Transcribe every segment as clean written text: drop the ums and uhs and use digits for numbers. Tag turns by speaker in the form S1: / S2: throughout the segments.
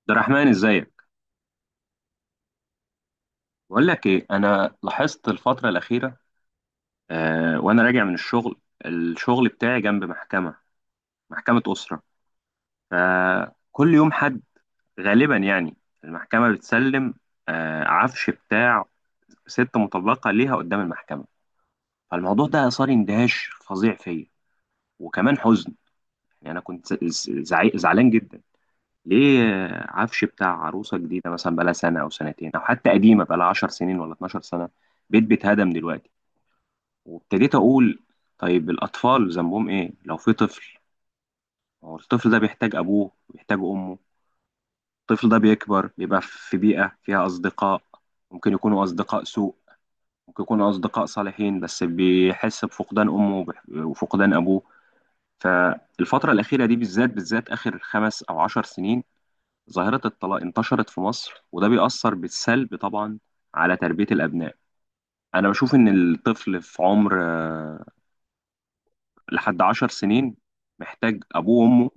S1: عبد الرحمن، ازيك؟ بقول لك ايه، انا لاحظت الفتره الاخيره، وانا راجع من الشغل بتاعي جنب محكمه اسره، فكل يوم حد، غالبا يعني المحكمه بتسلم عفش بتاع ست مطلقه ليها قدام المحكمه. فالموضوع ده اثار اندهاش فظيع فيا، وكمان حزن. يعني انا كنت زعلان جدا. ليه؟ عفش بتاع عروسه جديده، مثلا بقالها سنه او سنتين، او حتى قديمه بقالها 10 سنين ولا 12 سنه، بيت بيتهدم دلوقتي. وابتديت اقول، طيب الاطفال ذنبهم ايه لو في طفل؟ هو الطفل ده بيحتاج ابوه، بيحتاج امه. الطفل ده بيكبر بيبقى في بيئة فيها اصدقاء، ممكن يكونوا اصدقاء سوء، ممكن يكونوا اصدقاء صالحين، بس بيحس بفقدان امه وفقدان ابوه. فالفترة الأخيرة دي بالذات بالذات، آخر خمس أو عشر سنين، ظاهرة الطلاق انتشرت في مصر، وده بيأثر بالسلب طبعا على تربية الأبناء. أنا بشوف إن الطفل في عمر لحد 10 سنين محتاج أبوه وأمه،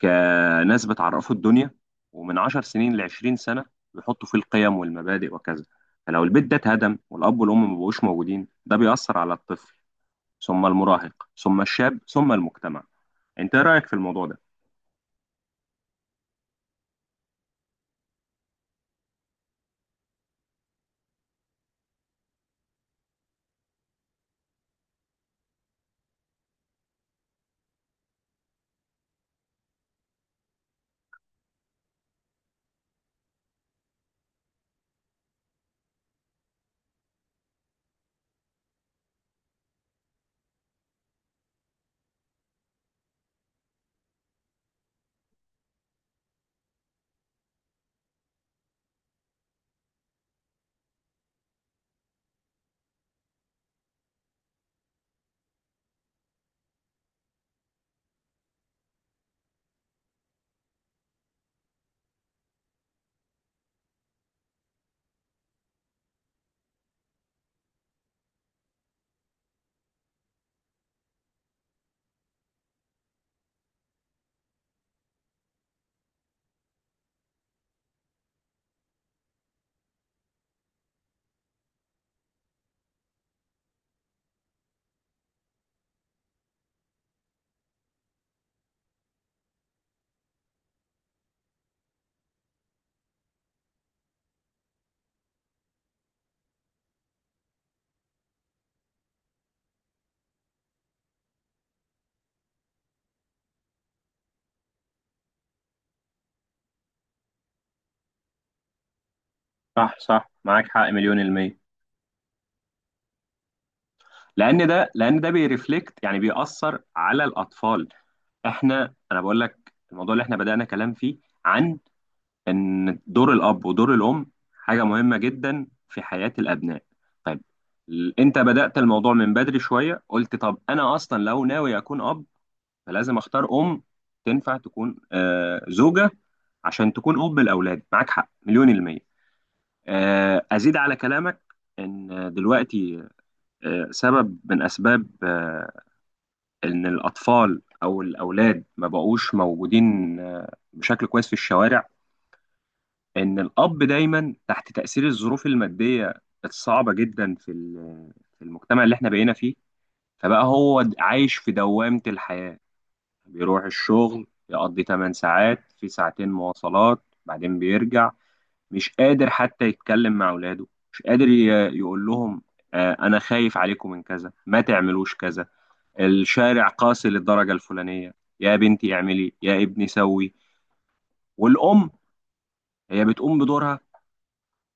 S1: كناس بتعرفه الدنيا. ومن 10 سنين لـ20 سنة بيحطوا فيه القيم والمبادئ وكذا. فلو البيت ده اتهدم والأب والأم مبقوش موجودين، ده بيأثر على الطفل، ثم المراهق، ثم الشاب، ثم المجتمع. أنت إيه رأيك في الموضوع ده؟ صح صح، معاك حق مليون المية. لأن ده بيرفلكت، يعني بيأثر على الأطفال. أنا بقول لك الموضوع اللي إحنا بدأنا كلام فيه عن ان دور الاب ودور الام حاجه مهمه جدا في حياه الابناء. طيب، انت بدات الموضوع من بدري شويه، قلت طب انا اصلا لو ناوي اكون اب، فلازم اختار ام تنفع تكون زوجه، عشان تكون اب لاولادي. معاك حق مليون الميه. ازيد على كلامك ان دلوقتي سبب من اسباب ان الاطفال او الاولاد ما بقوش موجودين بشكل كويس في الشوارع، ان الاب دايما تحت تاثير الظروف الماديه الصعبه جدا في في المجتمع اللي احنا بقينا فيه، فبقى هو عايش في دوامه الحياه، بيروح الشغل يقضي 8 ساعات في ساعتين مواصلات بعدين بيرجع، مش قادر حتى يتكلم مع اولاده، مش قادر يقول لهم، انا خايف عليكم من كذا، ما تعملوش كذا، الشارع قاسي للدرجه الفلانيه، يا بنتي اعملي، يا ابني سوي. والام هي بتقوم بدورها،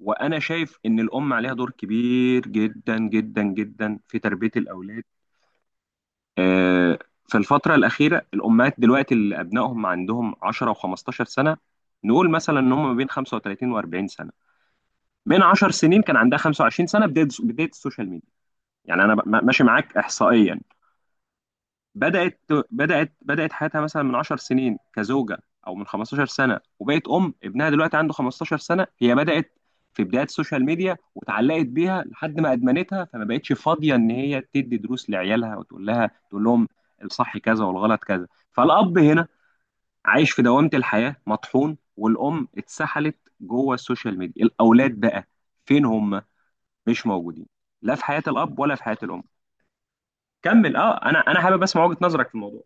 S1: وانا شايف ان الام عليها دور كبير جدا جدا جدا في تربيه الاولاد. آه، في الفتره الاخيره، الامهات دلوقتي اللي ابنائهم عندهم 10 و15 سنه، نقول مثلا ان هم ما بين 35 و40 سنه، من 10 سنين كان عندها 25 سنه، بدايه بدايه السوشيال ميديا، يعني انا ماشي معاك احصائيا. بدأت بدأت حياتها مثلا من 10 سنين كزوجة، أو من 15 سنة، وبقت أم. ابنها دلوقتي عنده 15 سنة، هي بدأت في بداية السوشيال ميديا واتعلقت بيها لحد ما أدمنتها، فما بقتش فاضية إن هي تدي دروس لعيالها وتقول لها تقول لهم الصح كذا والغلط كذا. فالأب هنا عايش في دوامة الحياة مطحون، والأم اتسحلت جوه السوشيال ميديا، الأولاد بقى فين هم؟ مش موجودين، لا في حياة الأب ولا في حياة الأم. كمل، اه، انا حابب اسمع وجهة نظرك في الموضوع.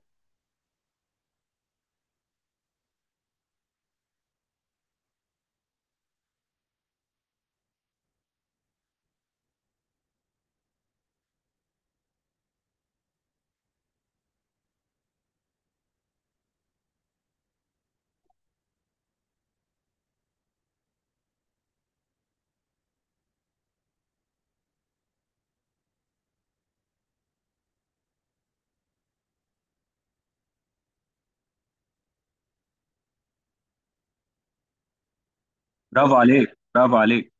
S1: برافو عليك، برافو عليك،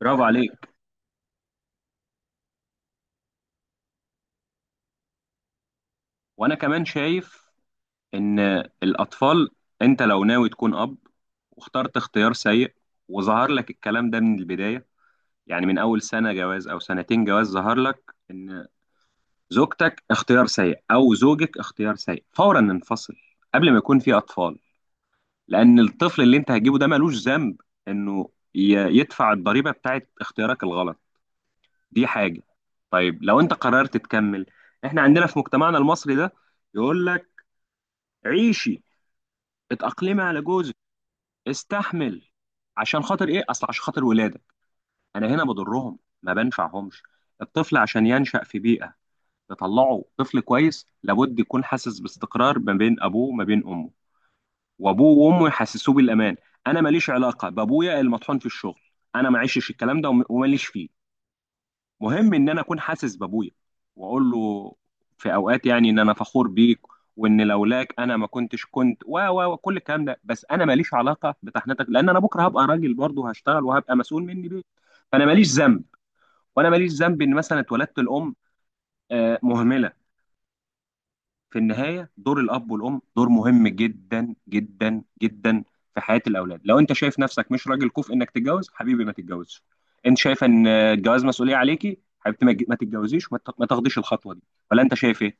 S1: برافو عليك. وانا كمان شايف ان الاطفال، انت لو ناوي تكون اب واخترت اختيار سيء، وظهر لك الكلام ده من البدايه، يعني من اول سنه جواز او سنتين جواز، ظهر لك ان زوجتك اختيار سيء او زوجك اختيار سيء، فورا انفصل قبل ما يكون في اطفال. لان الطفل اللي انت هتجيبه ده ملوش ذنب انه يدفع الضريبه بتاعت اختيارك الغلط. دي حاجة. طيب لو انت قررت تكمل، احنا عندنا في مجتمعنا المصري ده يقول لك عيشي، اتأقلمي على جوزك، استحمل، عشان خاطر ايه؟ اصل عشان خاطر ولادك. انا هنا بضرهم ما بنفعهمش. الطفل عشان ينشأ في بيئة تطلعه طفل كويس، لابد يكون حاسس باستقرار ما بين ابوه وما بين امه، وابوه وامه يحسسوه بالامان. انا ماليش علاقة بابويا المطحون في الشغل، انا ما عشتش الكلام ده وماليش فيه. مهم ان انا اكون حاسس بابويا، واقول له في اوقات يعني ان انا فخور بيك، وان لولاك انا ما كنتش كنت، و و وكل الكلام ده. بس انا ماليش علاقه بتحنتك، لان انا بكره هبقى راجل برضه، هشتغل وهبقى مسؤول مني بيت. فانا ماليش ذنب، وانا ماليش ذنب ان مثلا اتولدت الام مهمله. في النهاية دور الأب والأم دور مهم جدا جدا جدا في حياة الأولاد. لو أنت شايف نفسك مش راجل كفء إنك تتجوز، حبيبي ما تتجوزش. أنت شايف إن الجواز مسؤولية عليكي، حبيبتي ما تتجوزيش ما تاخديش الخطوة دي. ولا أنت شايف إيه؟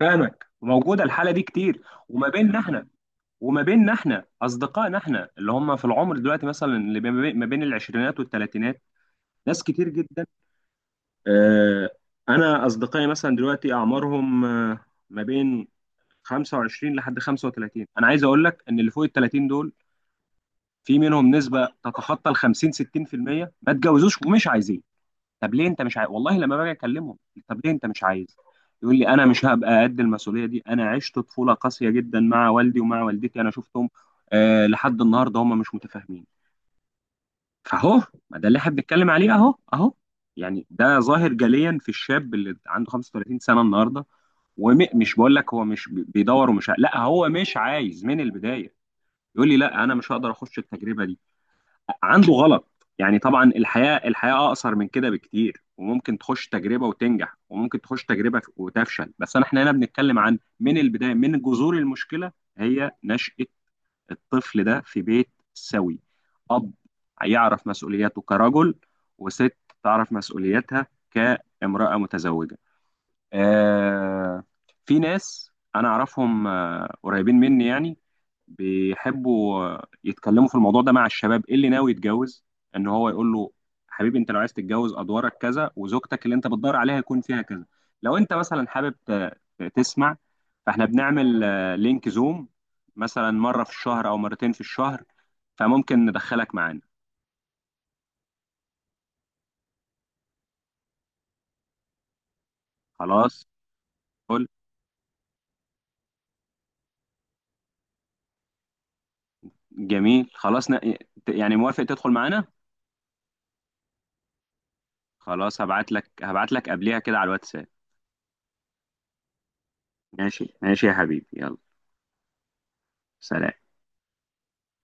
S1: فاهمك، وموجودة الحالة دي كتير. وما بيننا إحنا وما بيننا إحنا أصدقائنا، إحنا اللي هم في العمر دلوقتي مثلا، اللي ما بين العشرينات والثلاثينات، ناس كتير جدا. آه، أنا أصدقائي مثلا دلوقتي أعمارهم ما بين 25 لحد 35. انا عايز اقول لك ان اللي فوق ال 30 دول، في منهم نسبه تتخطى ال 50 60% ما اتجوزوش ومش عايزين. طب ليه انت مش عايز؟ والله لما باجي اكلمهم، طب ليه انت مش عايز؟ يقول لي انا مش هبقى قد المسؤوليه دي، انا عشت طفوله قاسيه جدا مع والدي ومع والدتي، انا شفتهم لحد النهارده هم مش متفاهمين. فاهو، ما ده اللي احنا بنتكلم عليه، اهو اهو. يعني ده ظاهر جليا في الشاب اللي عنده 35 سنه النهارده. ومش بقول لك هو مش بيدور لا، هو مش عايز من البدايه، يقول لي لا، انا مش هقدر اخش التجربه دي. عنده غلط، يعني طبعا الحياه، الحياه اقصر من كده بكتير، وممكن تخش تجربه وتنجح، وممكن تخش تجربه وتفشل. بس احنا هنا بنتكلم عن من البدايه، من جذور المشكله، هي نشأة الطفل ده في بيت سوي، اب يعرف مسؤولياته كرجل، وست تعرف مسؤولياتها كامرأة متزوجة. آه في ناس انا اعرفهم قريبين مني يعني، بيحبوا يتكلموا في الموضوع ده مع الشباب ايه اللي ناوي يتجوز، ان هو يقول له حبيبي انت لو عايز تتجوز ادوارك كذا، وزوجتك اللي انت بتدور عليها يكون فيها كذا. لو انت مثلا حابب تسمع، فاحنا بنعمل لينك زوم مثلا مرة في الشهر او مرتين في الشهر، فممكن ندخلك معانا. خلاص قول. جميل، خلاص، يعني موافق تدخل معانا؟ خلاص، هبعت لك قبليها كده على الواتساب. ماشي ماشي يا حبيبي، يلا، سلام.